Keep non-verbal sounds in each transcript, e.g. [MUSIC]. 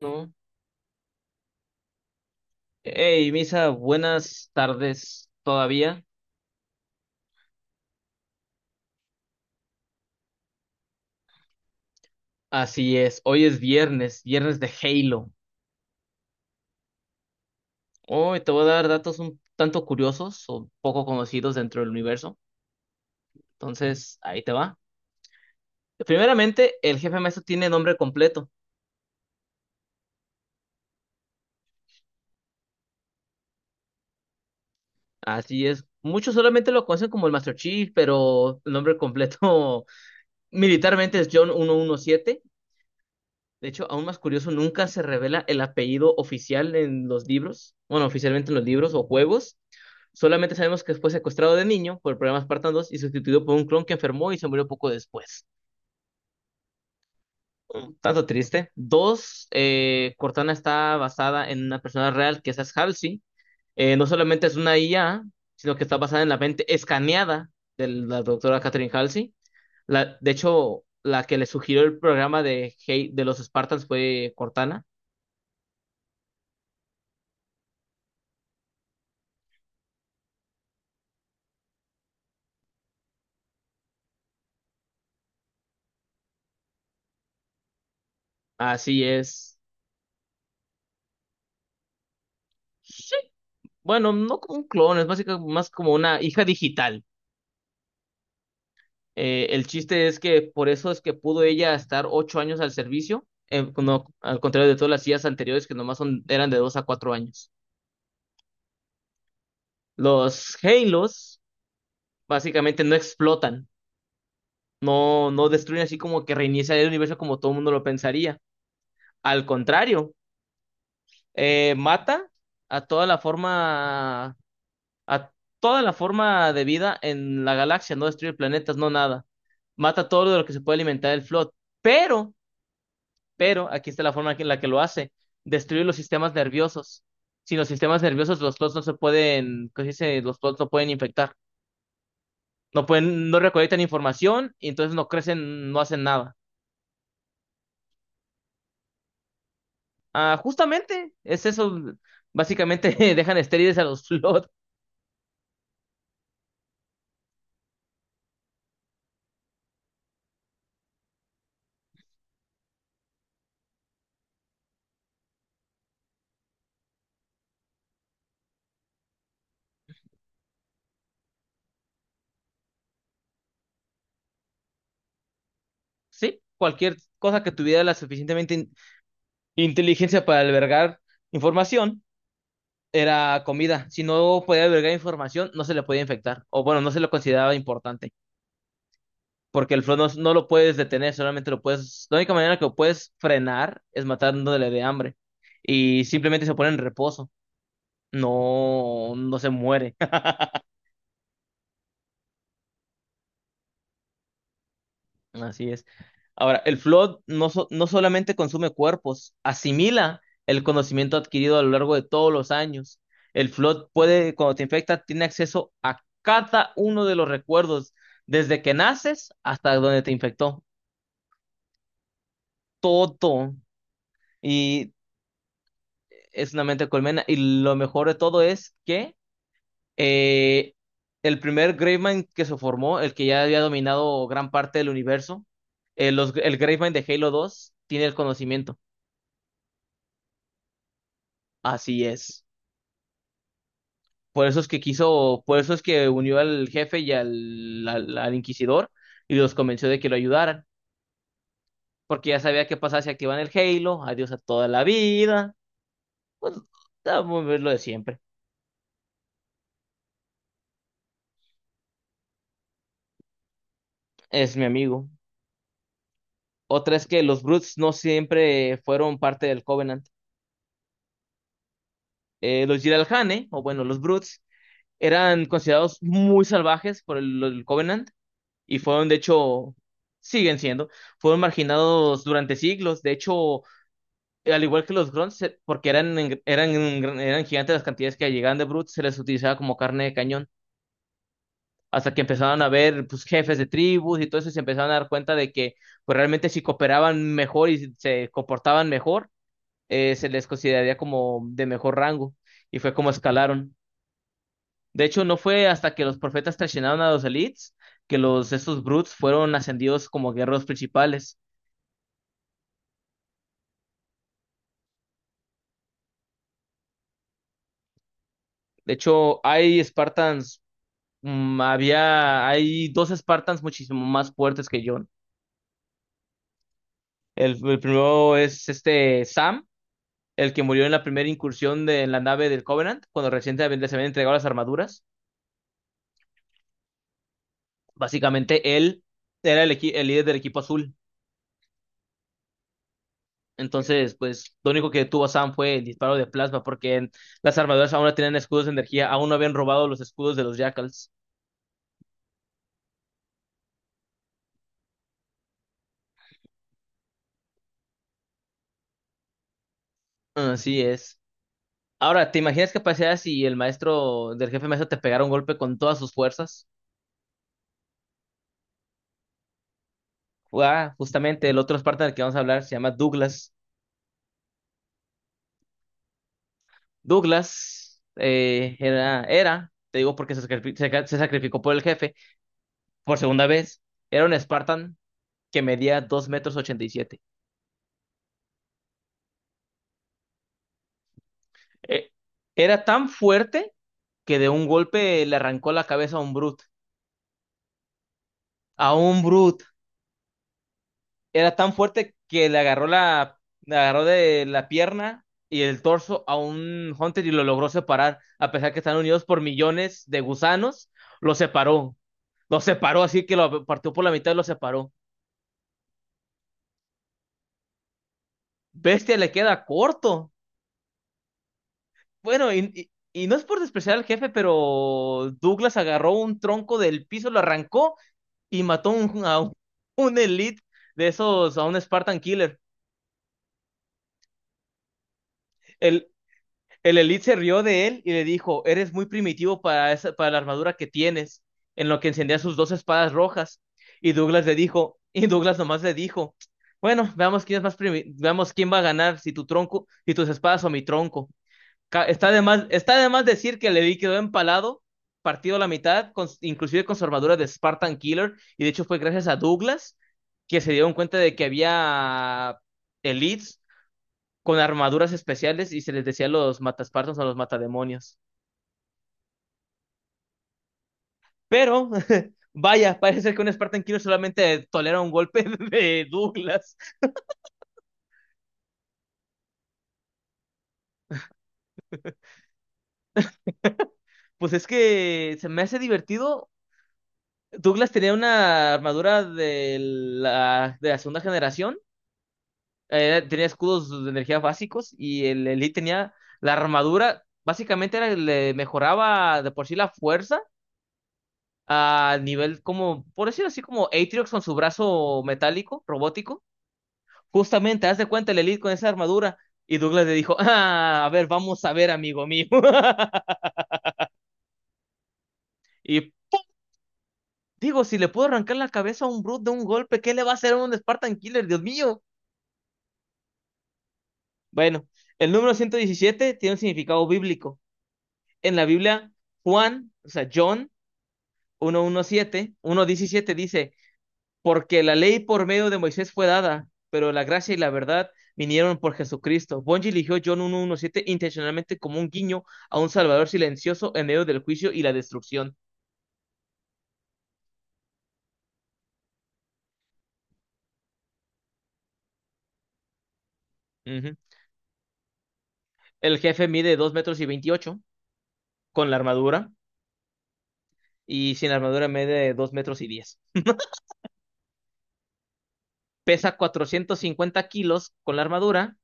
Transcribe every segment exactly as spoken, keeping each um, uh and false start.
No. Hey, Misa, buenas tardes todavía. Así es, hoy es viernes, viernes de Halo. Hoy te voy a dar datos un tanto curiosos o poco conocidos dentro del universo. Entonces, ahí te va. Primeramente, el jefe maestro tiene nombre completo. Así es, muchos solamente lo conocen como el Master Chief, pero el nombre completo [LAUGHS] militarmente es John ciento diecisiete. De hecho, aún más curioso, nunca se revela el apellido oficial en los libros, bueno, oficialmente en los libros o juegos. Solamente sabemos que fue secuestrado de niño por problemas espartanos y sustituido por un clon que enfermó y se murió poco después. Un tanto triste. Dos, eh, Cortana está basada en una persona real que es Ash Halsey. Eh, no solamente es una I A, sino que está basada en la mente escaneada de la doctora Catherine Halsey. La, de hecho, la que le sugirió el programa de, Hey- de los Spartans fue Cortana. Así es. Sí. Bueno, no como un clon, es básicamente más como una hija digital. Eh, el chiste es que por eso es que pudo ella estar ocho años al servicio, eh, no- al contrario de todas las sillas anteriores que nomás son, eran de dos a cuatro años. Los Halos básicamente no explotan, no, no destruyen así como que reinicia el universo como todo el mundo lo pensaría. Al contrario, eh, mata a toda la forma, a toda la forma de vida en la galaxia, no destruye planetas, no nada. Mata todo lo que se puede alimentar el Flood. Pero Pero aquí está la forma en la que lo hace. Destruye los sistemas nerviosos. Sin los sistemas nerviosos, los plots no se pueden, ¿cómo se dice? Los plots no pueden infectar. No pueden, no recolectan información y entonces no crecen, no hacen nada. Ah, justamente, es eso. Básicamente [LAUGHS] dejan estériles a los [LAUGHS] plots. Sí, cualquier cosa que tuviera la suficientemente in- inteligencia para albergar información era comida. Si no podía albergar información, no se le podía infectar. O bueno, no se lo consideraba importante. Porque el flow no, no lo puedes detener, solamente lo puedes, la única manera que lo puedes frenar es matándole de hambre y simplemente se pone en reposo, no, no se muere, [LAUGHS] así es. Ahora, el flow no, so- no solamente consume cuerpos, asimila el conocimiento adquirido a lo largo de todos los años. El flow puede, cuando te infecta, tiene acceso a cada uno de los recuerdos, desde que naces hasta donde te infectó, todo. Y es una mente de colmena. Y lo mejor de todo es que eh, el primer Gravemind que se formó, el que ya había dominado gran parte del universo, eh, los- el Gravemind de Halo dos tiene el conocimiento. Así es. Por eso es que quiso, por eso es que unió al jefe y al, al, al inquisidor y los convenció de que lo ayudaran. Porque ya sabía qué pasaba si activan el Halo. Adiós a toda la vida. Pues, ah, lo de siempre. Es mi amigo. Otra es que los Brutes no siempre fueron parte del Covenant. Eh, los Jiralhane, o bueno, los Brutes, eran considerados muy salvajes por el, el Covenant y fueron, de hecho, siguen siendo, fueron marginados durante siglos. De hecho, al igual que los Grunts, se- porque eran, en- eran, en- eran gigantes las cantidades que llegaban de Brutes, se les utilizaba como carne de cañón. Hasta que empezaron a ver pues, jefes de tribus y todo eso, y se empezaron a dar cuenta de que pues, realmente si cooperaban mejor y se comportaban mejor, eh, se les consideraría como de mejor rango y fue como escalaron. De hecho, no fue hasta que los profetas traicionaron a los elites que los estos brutes fueron ascendidos como guerreros principales. De hecho, hay Spartans, mm, había, hay dos Spartans muchísimo más fuertes que John. El, el primero es este Sam, el que murió en la primera incursión de, en la nave del Covenant, cuando recientemente se habían entregado las armaduras. Básicamente él era el, equi- el líder del equipo azul. Entonces, pues lo único que tuvo Sam fue el disparo de plasma, porque en- las armaduras aún no tenían escudos de energía, aún no habían robado los escudos de los Jackals. Así es. Ahora, ¿te imaginas qué pasaría si el maestro del jefe maestro te pegara un golpe con todas sus fuerzas? Ah, justamente el otro Spartan del que vamos a hablar se llama Douglas. Douglas eh, era, era, te digo porque se sacrifi- se ca- se sacrificó por el jefe por segunda vez, era un Spartan que medía dos metros 87. Eh, Era tan fuerte que de un golpe le arrancó la cabeza a un Brute. A un Brute. Era tan fuerte que le agarró la, le agarró de la pierna y el torso a un Hunter y lo logró separar. A pesar que están unidos por millones de gusanos, lo separó. Lo separó así que lo partió por la mitad y lo separó. Bestia le queda corto. Bueno, y, y- y no es por despreciar al jefe, pero Douglas agarró un tronco del piso, lo arrancó y mató un- a un, un elite de esos, a un Spartan Killer. El, el Elite se rió de él y le dijo, eres muy primitivo para, esa, para la armadura que tienes, en lo que encendía sus dos espadas rojas. Y Douglas le dijo, [LAUGHS] y Douglas nomás le dijo, bueno, veamos quién es más primi- veamos quién va a ganar, si tu tronco, si tus espadas o mi tronco. Ca- Está de más, está de más decir que Levi quedó empalado, partido a la mitad, con- inclusive con su armadura de Spartan Killer, y de hecho fue gracias a Douglas que se dieron cuenta de que había elites con armaduras especiales y se les decía los mataspartos o los matademonios. Pero, [LAUGHS] vaya, parece que un Spartan Killer solamente tolera un golpe [LAUGHS] de Douglas. Pues es que se me hace divertido. Douglas tenía una armadura de la, de la segunda generación, eh, tenía escudos de energía básicos y el Elite tenía la armadura, básicamente era- le mejoraba de por sí la fuerza a nivel como, por decirlo así, como Atriox con su brazo metálico, robótico. Justamente, haz de cuenta el Elite con esa armadura. Y Douglas le dijo, ah, a ver, vamos a ver, amigo mío. [LAUGHS] Y digo, si le puedo arrancar la cabeza a un Brute de un golpe, ¿qué le va a hacer a un Spartan Killer? Dios mío. Bueno, el número ciento diecisiete tiene un significado bíblico. En la Biblia, Juan, o sea, John uno diecisiete, uno diecisiete dice, porque la ley por medio de Moisés fue dada, pero la gracia y la verdad vinieron por Jesucristo. Bungie eligió John uno uno siete intencionalmente como un guiño a un Salvador silencioso en medio del juicio y la destrucción. Ujú. El jefe mide dos metros y veintiocho con la armadura, y sin armadura mide dos metros y diez. Pesa cuatrocientos cincuenta kilos con la armadura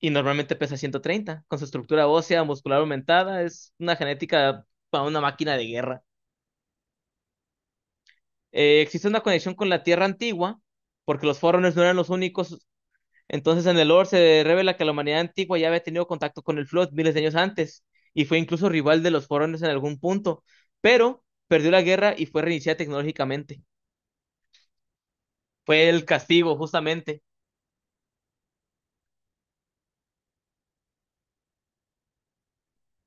y normalmente pesa ciento treinta. Con su estructura ósea muscular aumentada, es una genética para una máquina de guerra. Eh, existe una conexión con la Tierra antigua, porque los Forerunners no eran los únicos. Entonces, en el lore se revela que la humanidad antigua ya había tenido contacto con el Flood miles de años antes, y fue incluso rival de los Forerunners en algún punto, pero perdió la guerra y fue reiniciada tecnológicamente. Fue el castigo, justamente.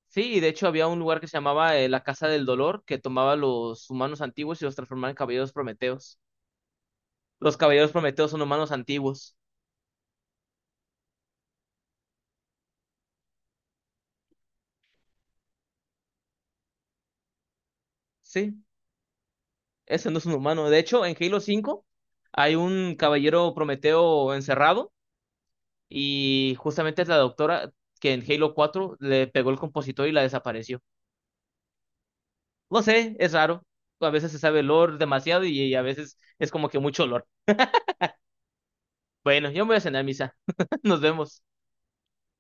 Sí, y de hecho había un lugar que se llamaba eh, la Casa del Dolor, que tomaba los humanos antiguos y los transformaba en caballeros prometeos. Los caballeros prometeos son humanos antiguos. Sí. Ese no es un humano. De hecho, en Halo cinco hay un caballero Prometeo encerrado y justamente es la doctora que en Halo cuatro le pegó el compositor y la desapareció. No sé, es raro. A veces se sabe el lore demasiado y, y a veces es como que mucho lore. Bueno, yo me voy a cenar misa. [LAUGHS] Nos vemos.